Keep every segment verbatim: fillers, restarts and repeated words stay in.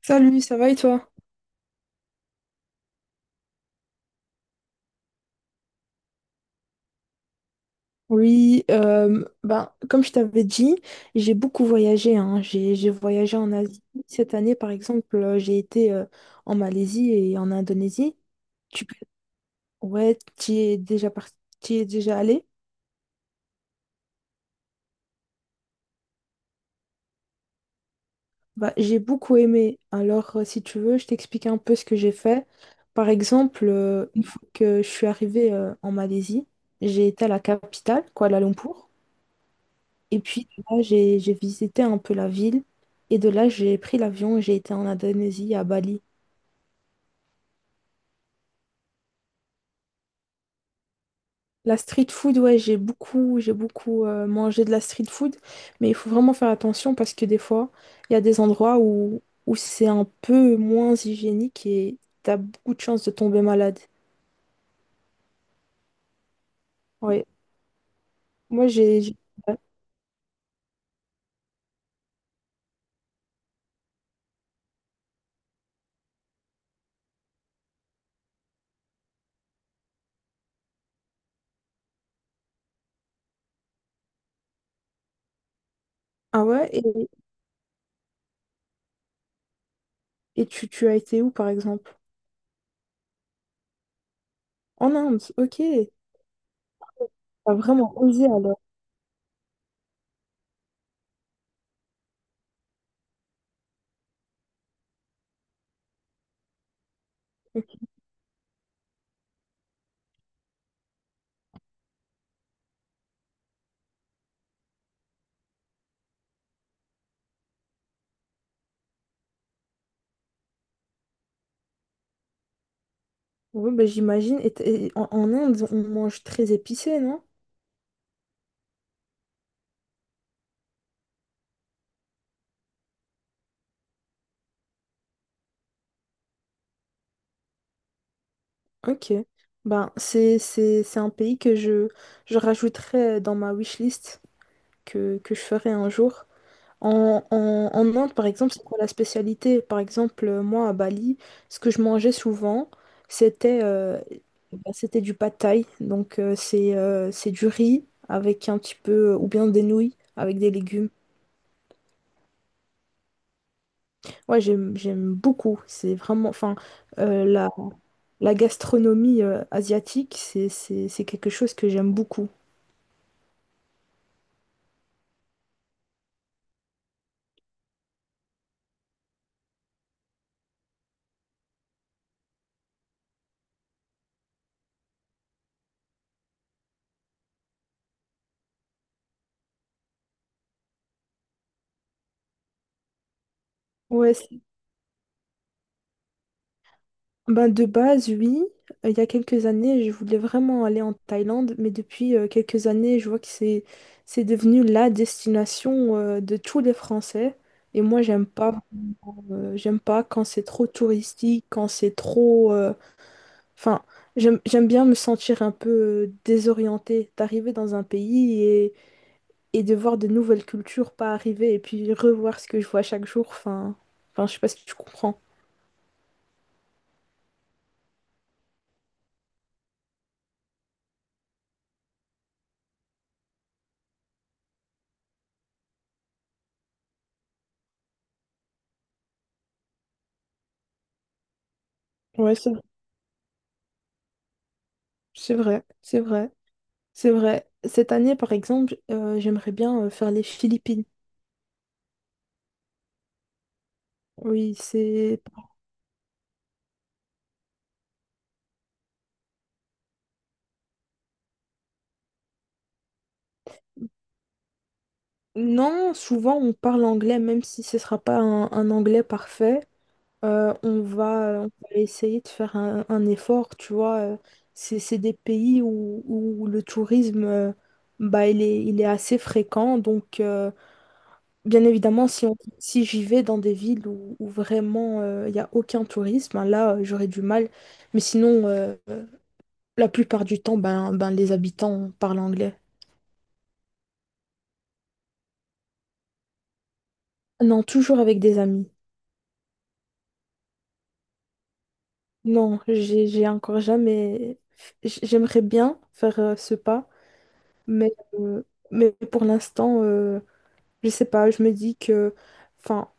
Salut, ça va et toi? Oui, euh, ben, comme je t'avais dit, j'ai beaucoup voyagé. Hein. J'ai, j'ai voyagé en Asie. Cette année, par exemple, euh, j'ai été euh, en Malaisie et en Indonésie. Tu, ouais, tu y es déjà parti, tu y es déjà allé? Bah, j'ai beaucoup aimé. Alors, euh, si tu veux, je t'explique un peu ce que j'ai fait. Par exemple, euh, une fois que je suis arrivée euh, en Malaisie, j'ai été à la capitale, Kuala Lumpur. Et puis de là, j'ai j'ai visité un peu la ville. Et de là, j'ai pris l'avion et j'ai été en Indonésie, à Bali. La street food, ouais, j'ai beaucoup, j'ai beaucoup euh, mangé de la street food. Mais il faut vraiment faire attention parce que des fois, il y a des endroits où, où c'est un peu moins hygiénique et t'as beaucoup de chances de tomber malade. Ouais. Moi, j'ai... j'ai- Ah ouais? Et, et tu, tu as été où, par exemple? En Inde, ok. T'as vraiment osé alors. Oui, bah, j'imagine. Et t- et en, en Inde, on mange très épicé, non? Ok. Ben, c'est, c'est, c'est un pays que je, je rajouterai dans ma wishlist que, que je ferai un jour. En, en, en Inde, par exemple, c'est quoi la spécialité? Par exemple, euh, moi, à Bali, ce que je mangeais souvent, c'était euh, bah, c'était du pad thai. Donc, euh, c'est euh, c'est du riz avec un petit peu, ou bien des nouilles avec des légumes. Ouais, j'aime, j'aime beaucoup. C'est vraiment, enfin, la gastronomie euh, asiatique, c'est, c'est, c'est quelque chose que j'aime beaucoup. Ouais, c'est- ben de base, oui. Euh, Il y a quelques années, je voulais vraiment aller en Thaïlande, mais depuis euh, quelques années, je vois que c'est c'est devenu la destination euh, de tous les Français. Et moi, j'aime pas, euh, j'aime pas quand c'est trop touristique, quand c'est trop, euh, enfin, j'aime, j'aime bien me sentir un peu euh, désorientée, d'arriver dans un pays et, et de voir de nouvelles cultures pas arriver et puis revoir ce que je vois chaque jour. Enfin, enfin, je sais pas si tu comprends. Ouais, c'est c'est vrai, c'est vrai, c'est vrai. Cette année, par exemple, euh, j'aimerais bien euh, faire les Philippines. Oui, c'est Non, souvent on parle anglais, même si ce sera pas un, un anglais parfait. Euh, on va, on va essayer de faire un, un effort, tu vois. euh, C'est, c'est des pays où, où le tourisme, euh, bah, il est, il est assez fréquent. Donc, euh, bien évidemment, si, on- si j'y vais dans des villes où, où vraiment euh, il n'y a aucun tourisme, hein, là, euh, j'aurais du mal. Mais sinon, euh, la plupart du temps, ben, ben, les habitants parlent anglais. Non, toujours avec des amis. Non, j'ai j'ai encore jamais. j- J'aimerais bien faire euh, ce pas, mais, euh, mais pour l'instant, euh, je sais pas. Je me dis que, enfin,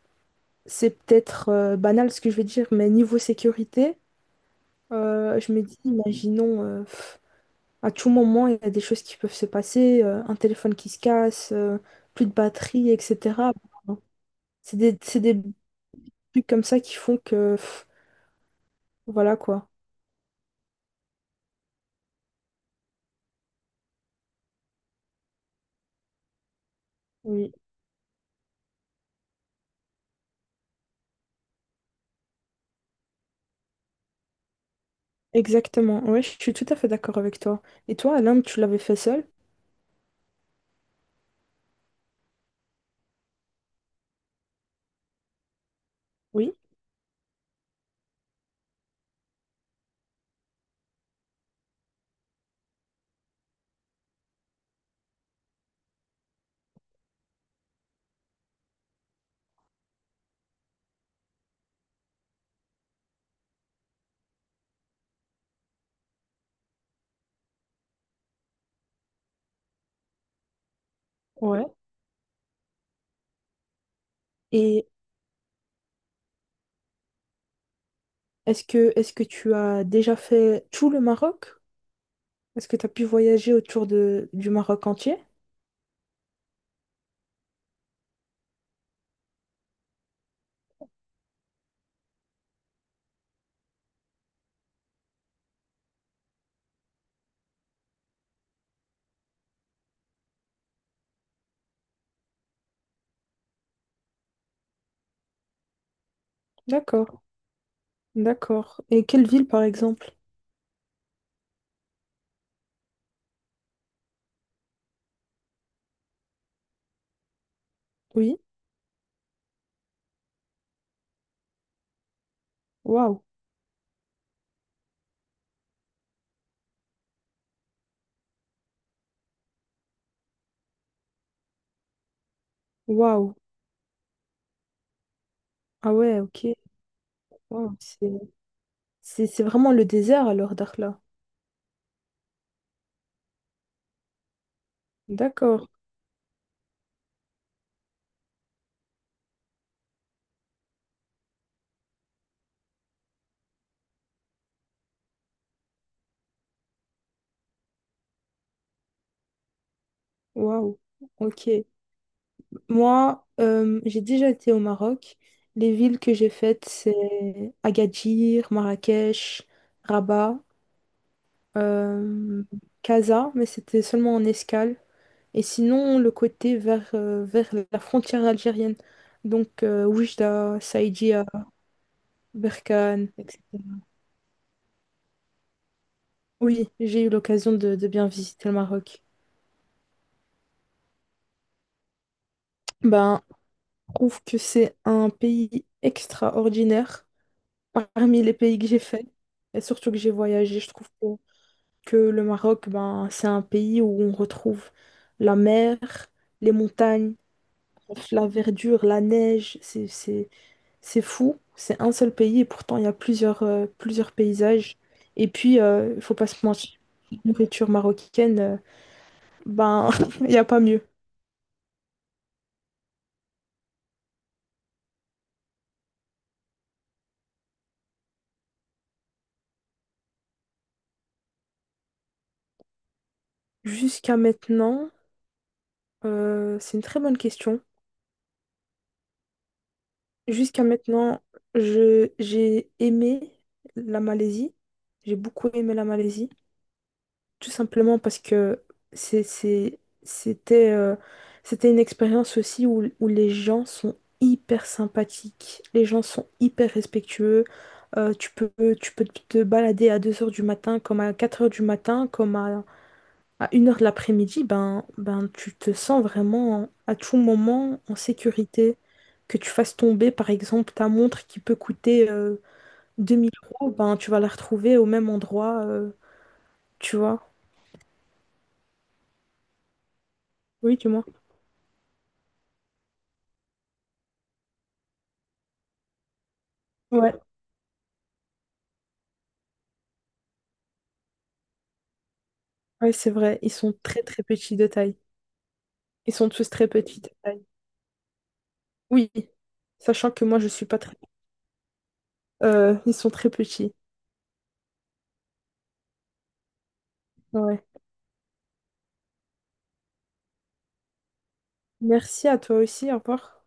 c'est peut-être euh, banal ce que je vais dire, mais niveau sécurité, euh, je me dis, imaginons, euh, pff, à tout moment, il y a des choses qui peuvent se passer, euh, un téléphone qui se casse, euh, plus de batterie, et cetera. C'est des, c'est des trucs comme ça qui font que, pff, voilà quoi. Oui. Exactement, ouais, je suis tout à fait d'accord avec toi. Et toi, Alain, tu l'avais fait seul? Oui. Ouais. Et est-ce que est-ce que tu as déjà fait tout le Maroc? Est-ce que tu as pu voyager autour de, du Maroc entier? D'accord, d'accord. Et quelle ville, par exemple? Oui. Waouh, waouh. Ah ouais, ok. Waouh, C'est c'est- c'est vraiment le désert alors, Dakhla. D'accord, waouh, ok. Moi, euh, j'ai déjà été au Maroc. Les villes que j'ai faites, c'est Agadir, Marrakech, Rabat, euh, Casa, mais c'était seulement en escale. Et sinon, le côté vers, euh, vers la frontière algérienne. Donc, euh, Oujda, Saïdia, Berkane, et cetera. Oui, j'ai eu l'occasion de, de bien visiter le Maroc. Ben, je trouve que c'est un pays extraordinaire parmi les pays que j'ai fait et surtout que j'ai voyagé. Je trouve que le Maroc, ben, c'est un pays où on retrouve la mer, les montagnes, la verdure, la neige. C'est, c'est, c'est fou. C'est un seul pays et pourtant il y a plusieurs, euh, plusieurs paysages. Et puis, euh, il faut pas se mentir, la nourriture marocaine, euh, ben, il n'y a pas mieux. Jusqu'à maintenant, euh, c'est une très bonne question. Jusqu'à maintenant, je, j'ai aimé la Malaisie. J'ai beaucoup aimé la Malaisie. Tout simplement parce que c'est, c'est- c'était, euh, c'était une expérience aussi où, où les gens sont hyper sympathiques, les gens sont hyper respectueux. Euh, tu peux, tu peux te balader à deux heures du matin, comme à quatre heures du matin, comme à, à une heure de l'après-midi. Ben, ben, tu te sens vraiment à tout moment en sécurité. Que tu fasses tomber, par exemple, ta montre qui peut coûter euh, deux mille euros, ben, tu vas la retrouver au même endroit. Euh, tu vois? Oui, tu vois. Oui, c'est vrai, ils sont très très petits de taille. Ils sont tous très petits de taille. Oui, sachant que moi je suis pas très. Euh, ils sont très petits. Ouais. Merci à toi aussi, au revoir.